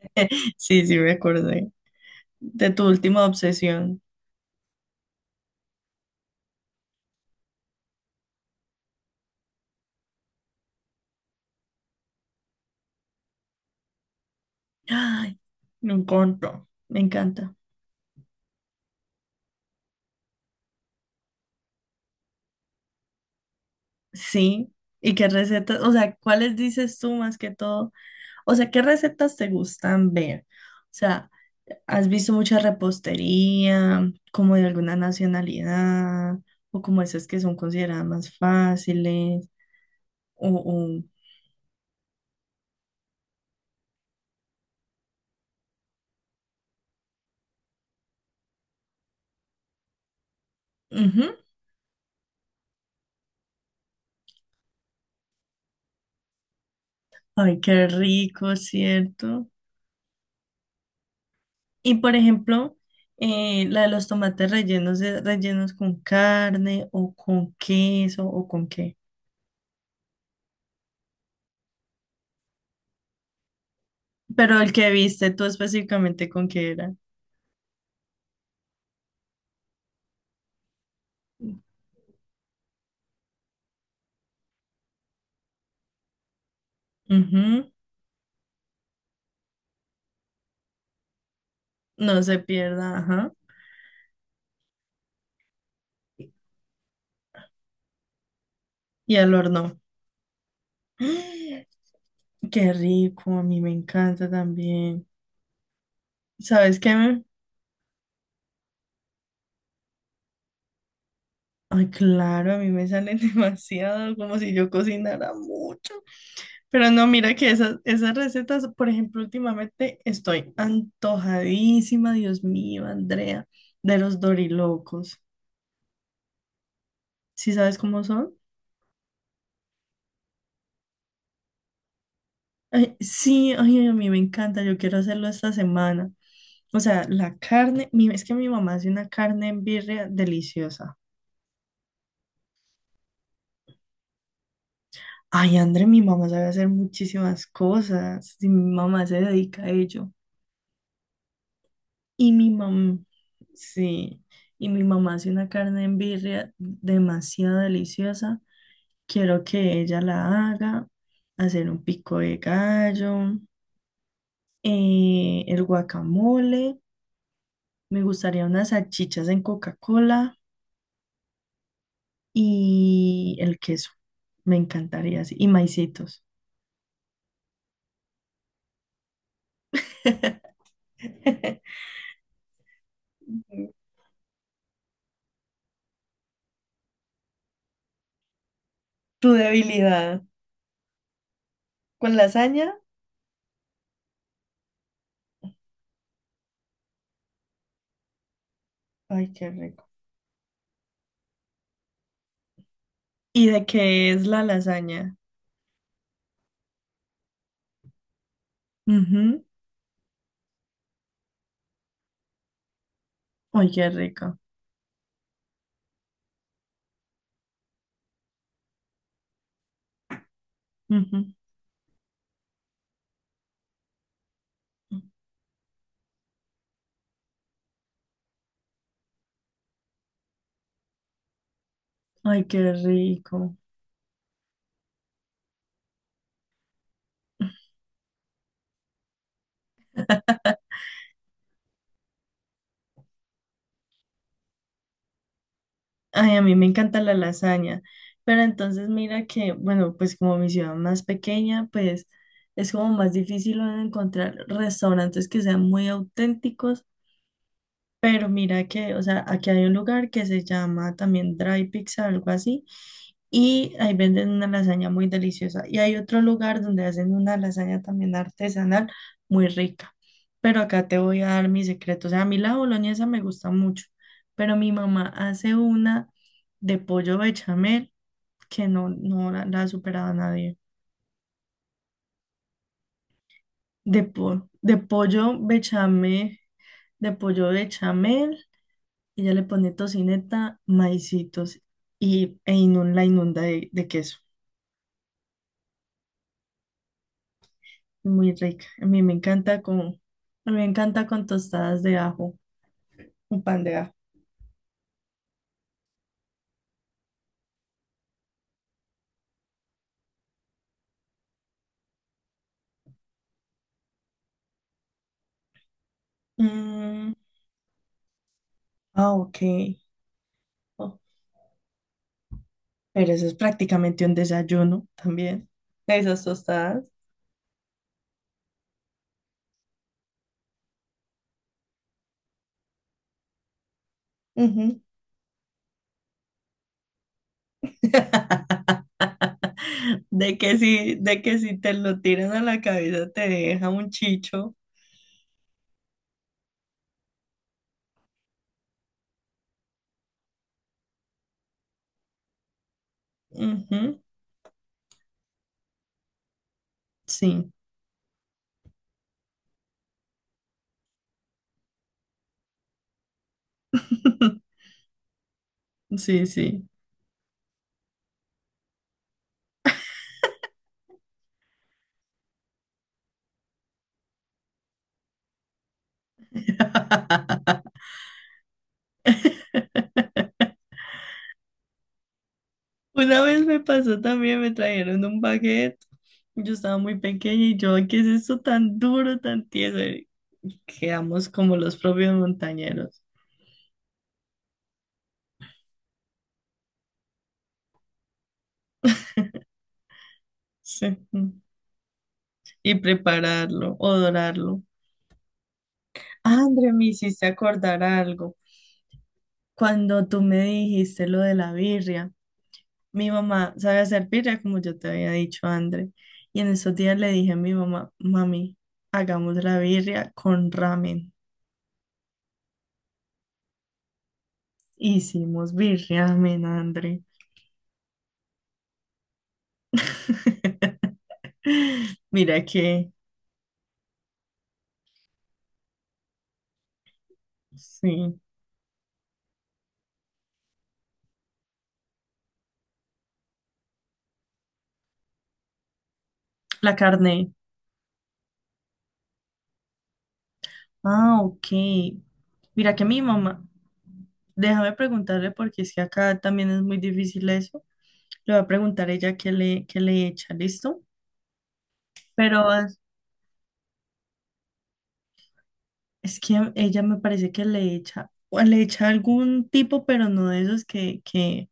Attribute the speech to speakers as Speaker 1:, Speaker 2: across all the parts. Speaker 1: Sí, sí, me acordé de tu última obsesión. Ay, lo encuentro. Me encanta. Sí. ¿Y qué recetas? O sea, ¿cuáles dices tú más que todo? O sea, ¿qué recetas te gustan ver? O sea, ¿has visto mucha repostería, como de alguna nacionalidad, o como esas que son consideradas más fáciles? O, o- Ujú. Ay, qué rico, ¿cierto? Y por ejemplo, la de los tomates rellenos de rellenos con carne o con queso o con qué. Pero el que viste tú específicamente con qué era. Ujú. No se pierda, ajá. Y al horno. ¡Ah! Qué rico, a mí me encanta también. ¿Sabes qué? Ay, claro, a mí me salen demasiado, como si yo cocinara mucho. Pero no, mira que esas recetas, por ejemplo, últimamente estoy antojadísima, Dios mío, Andrea, de los dorilocos. ¿Sí sabes cómo son? Ay, sí, ay, a mí me encanta, yo quiero hacerlo esta semana. O sea, es que mi mamá hace una carne en birria deliciosa. Ay, Andrea, mi mamá sabe hacer muchísimas cosas, y mi mamá se dedica a ello. Y mi mamá, sí, y mi mamá hace una carne en birria demasiado deliciosa. Quiero que ella la haga, hacer un pico de gallo, el guacamole, me gustaría unas salchichas en Coca-Cola y el queso. Me encantaría así. Y maicitos. Tu debilidad. ¿Con lasaña? Ay, qué rico. ¿Y de qué es la lasaña? Ujú. Ay, qué rico. Ujú. Ay, qué rico. Ay, a mí me encanta la lasaña, pero entonces mira que, bueno, pues como mi ciudad más pequeña, pues es como más difícil encontrar restaurantes que sean muy auténticos, pero mira que, o sea, aquí hay un lugar que se llama también Dry Pizza, algo así, y ahí venden una lasaña muy deliciosa. Y hay otro lugar donde hacen una lasaña también artesanal muy rica. Pero acá te voy a dar mi secreto. O sea, a mí la boloñesa me gusta mucho, pero mi mamá hace una de pollo bechamel que no, no la, la ha superado a nadie. De pollo bechamel, de pollo bechamel. Ella le pone tocineta, maicitos la inunda de queso. Muy rica. A mí me encanta con tostadas de ajo, un pan de ajo. Mm, ah, ok. Oh, pero eso es prácticamente un desayuno también. Esas tostadas. Ujú. De que si te lo tiran a la cabeza te deja un chicho. Ujú. Sí, sí, sí. Una vez me pasó también, me trajeron un baguette. Yo estaba muy pequeña y yo, ¿qué es esto tan duro, tan tieso? Y quedamos como los propios montañeros. Sí. Mm. Y prepararlo o dorarlo. Ah, André, me hiciste acordar algo. Cuando tú me dijiste lo de la birria, mi mamá sabe hacer birria, como yo te había dicho, André. Y en esos días le dije a mi mamá, mami, hagamos la birria con ramen. Hicimos birria, ramen, André. Mira que, sí, la carne. Ah, ok. Mira que mi mamá, déjame preguntarle porque es que acá también es muy difícil eso. Le voy a preguntar a ella qué le echa, ¿listo? Pero es es que ella me parece que le echa, o le echa algún tipo, pero no de esos que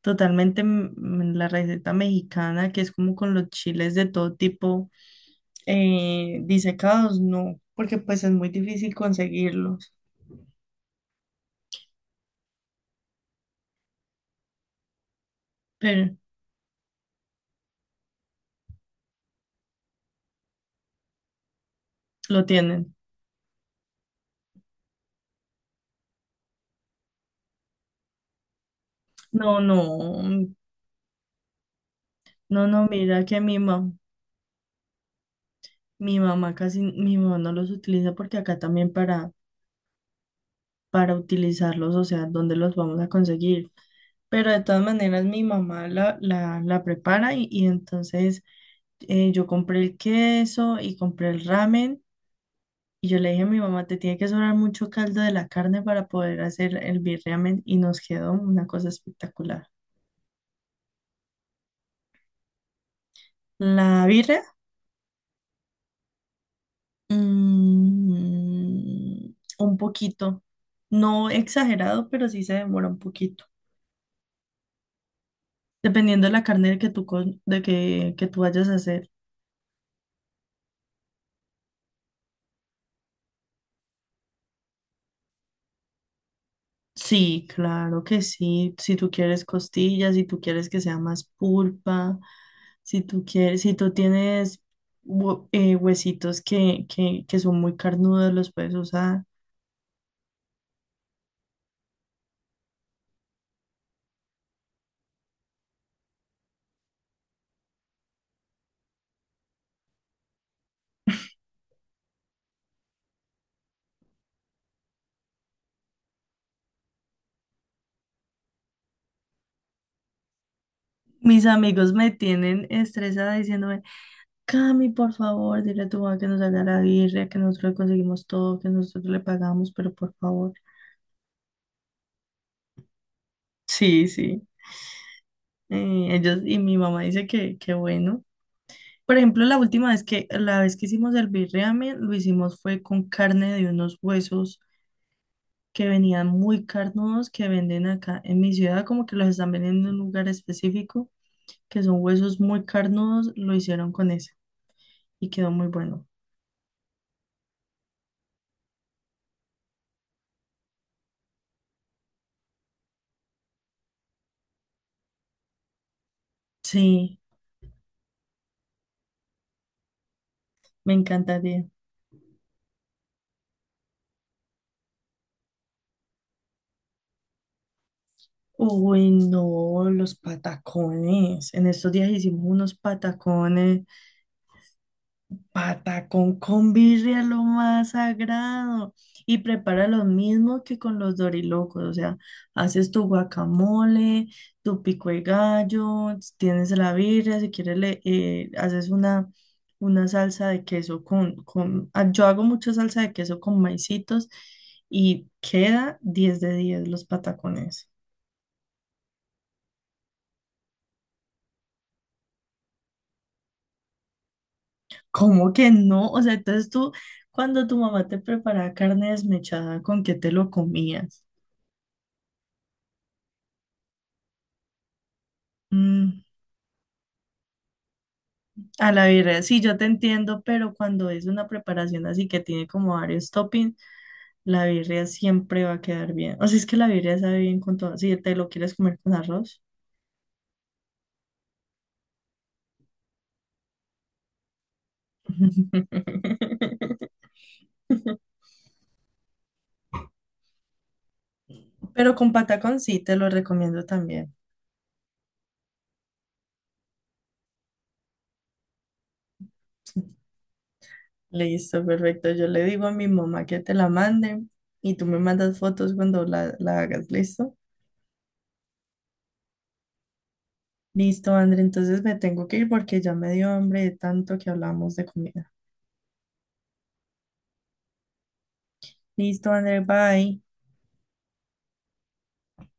Speaker 1: totalmente mm, la receta mexicana, que es como con los chiles de todo tipo. Disecados, no, porque pues es muy difícil conseguirlos, pero lo tienen. No, no, no, mira que mi mamá casi, mi mamá no los utiliza porque acá también para utilizarlos, o sea, ¿dónde los vamos a conseguir? Pero de todas maneras mi mamá la prepara y entonces yo compré el queso y compré el ramen. Y yo le dije a mi mamá, te tiene que sobrar mucho caldo de la carne para poder hacer el birriamen y nos quedó una cosa espectacular. La birria, mm, un poquito, no exagerado, pero sí se demora un poquito, dependiendo de la carne que tú, que tú vayas a hacer. Sí, claro que sí, si tú quieres costillas, si tú quieres que sea más pulpa. Si tú quieres, si tú tienes huesitos que son muy carnudos, los puedes usar. Mis amigos me tienen estresada diciéndome, Cami, por favor, dile a tu mamá que nos haga la birria, que nosotros le conseguimos todo, que nosotros le pagamos, pero por favor. Sí, sí. Ellos, y mi mamá dice que bueno. Por ejemplo, la vez que hicimos el birriamen, lo hicimos fue con carne de unos huesos que venían muy carnudos que venden acá en mi ciudad, como que los están vendiendo en un lugar específico, que son huesos muy carnudos, lo hicieron con ese y quedó muy bueno. Sí, me encantaría. Uy, no, los patacones. En estos días hicimos unos patacones. Pata con convirre lo más sagrado y prepara lo mismo que con los dorilocos, o sea, haces tu guacamole, tu pico de gallo, tienes la birria, si quieres le una salsa de queso con ah, yo hago mucha salsa de queso con maicitos y queda 10 de 10 los patacones. ¿Cómo que no? O sea, entonces tú, cuando tu mamá te preparaba carne desmechada, ¿con qué te lo comías? Mm. A la birria, sí, yo te entiendo, pero cuando es una preparación así que tiene como varios toppings, la birria siempre va a quedar bien. O sea, es que la birria sabe bien con todo. Si te lo quieres comer con arroz. Pero con patacón sí, te lo recomiendo también. Listo, perfecto. Yo le digo a mi mamá que te la mande y tú me mandas fotos cuando la hagas, ¿listo? Listo, André, entonces me tengo que ir porque ya me dio hambre de tanto que hablamos de comida. Listo, André, bye.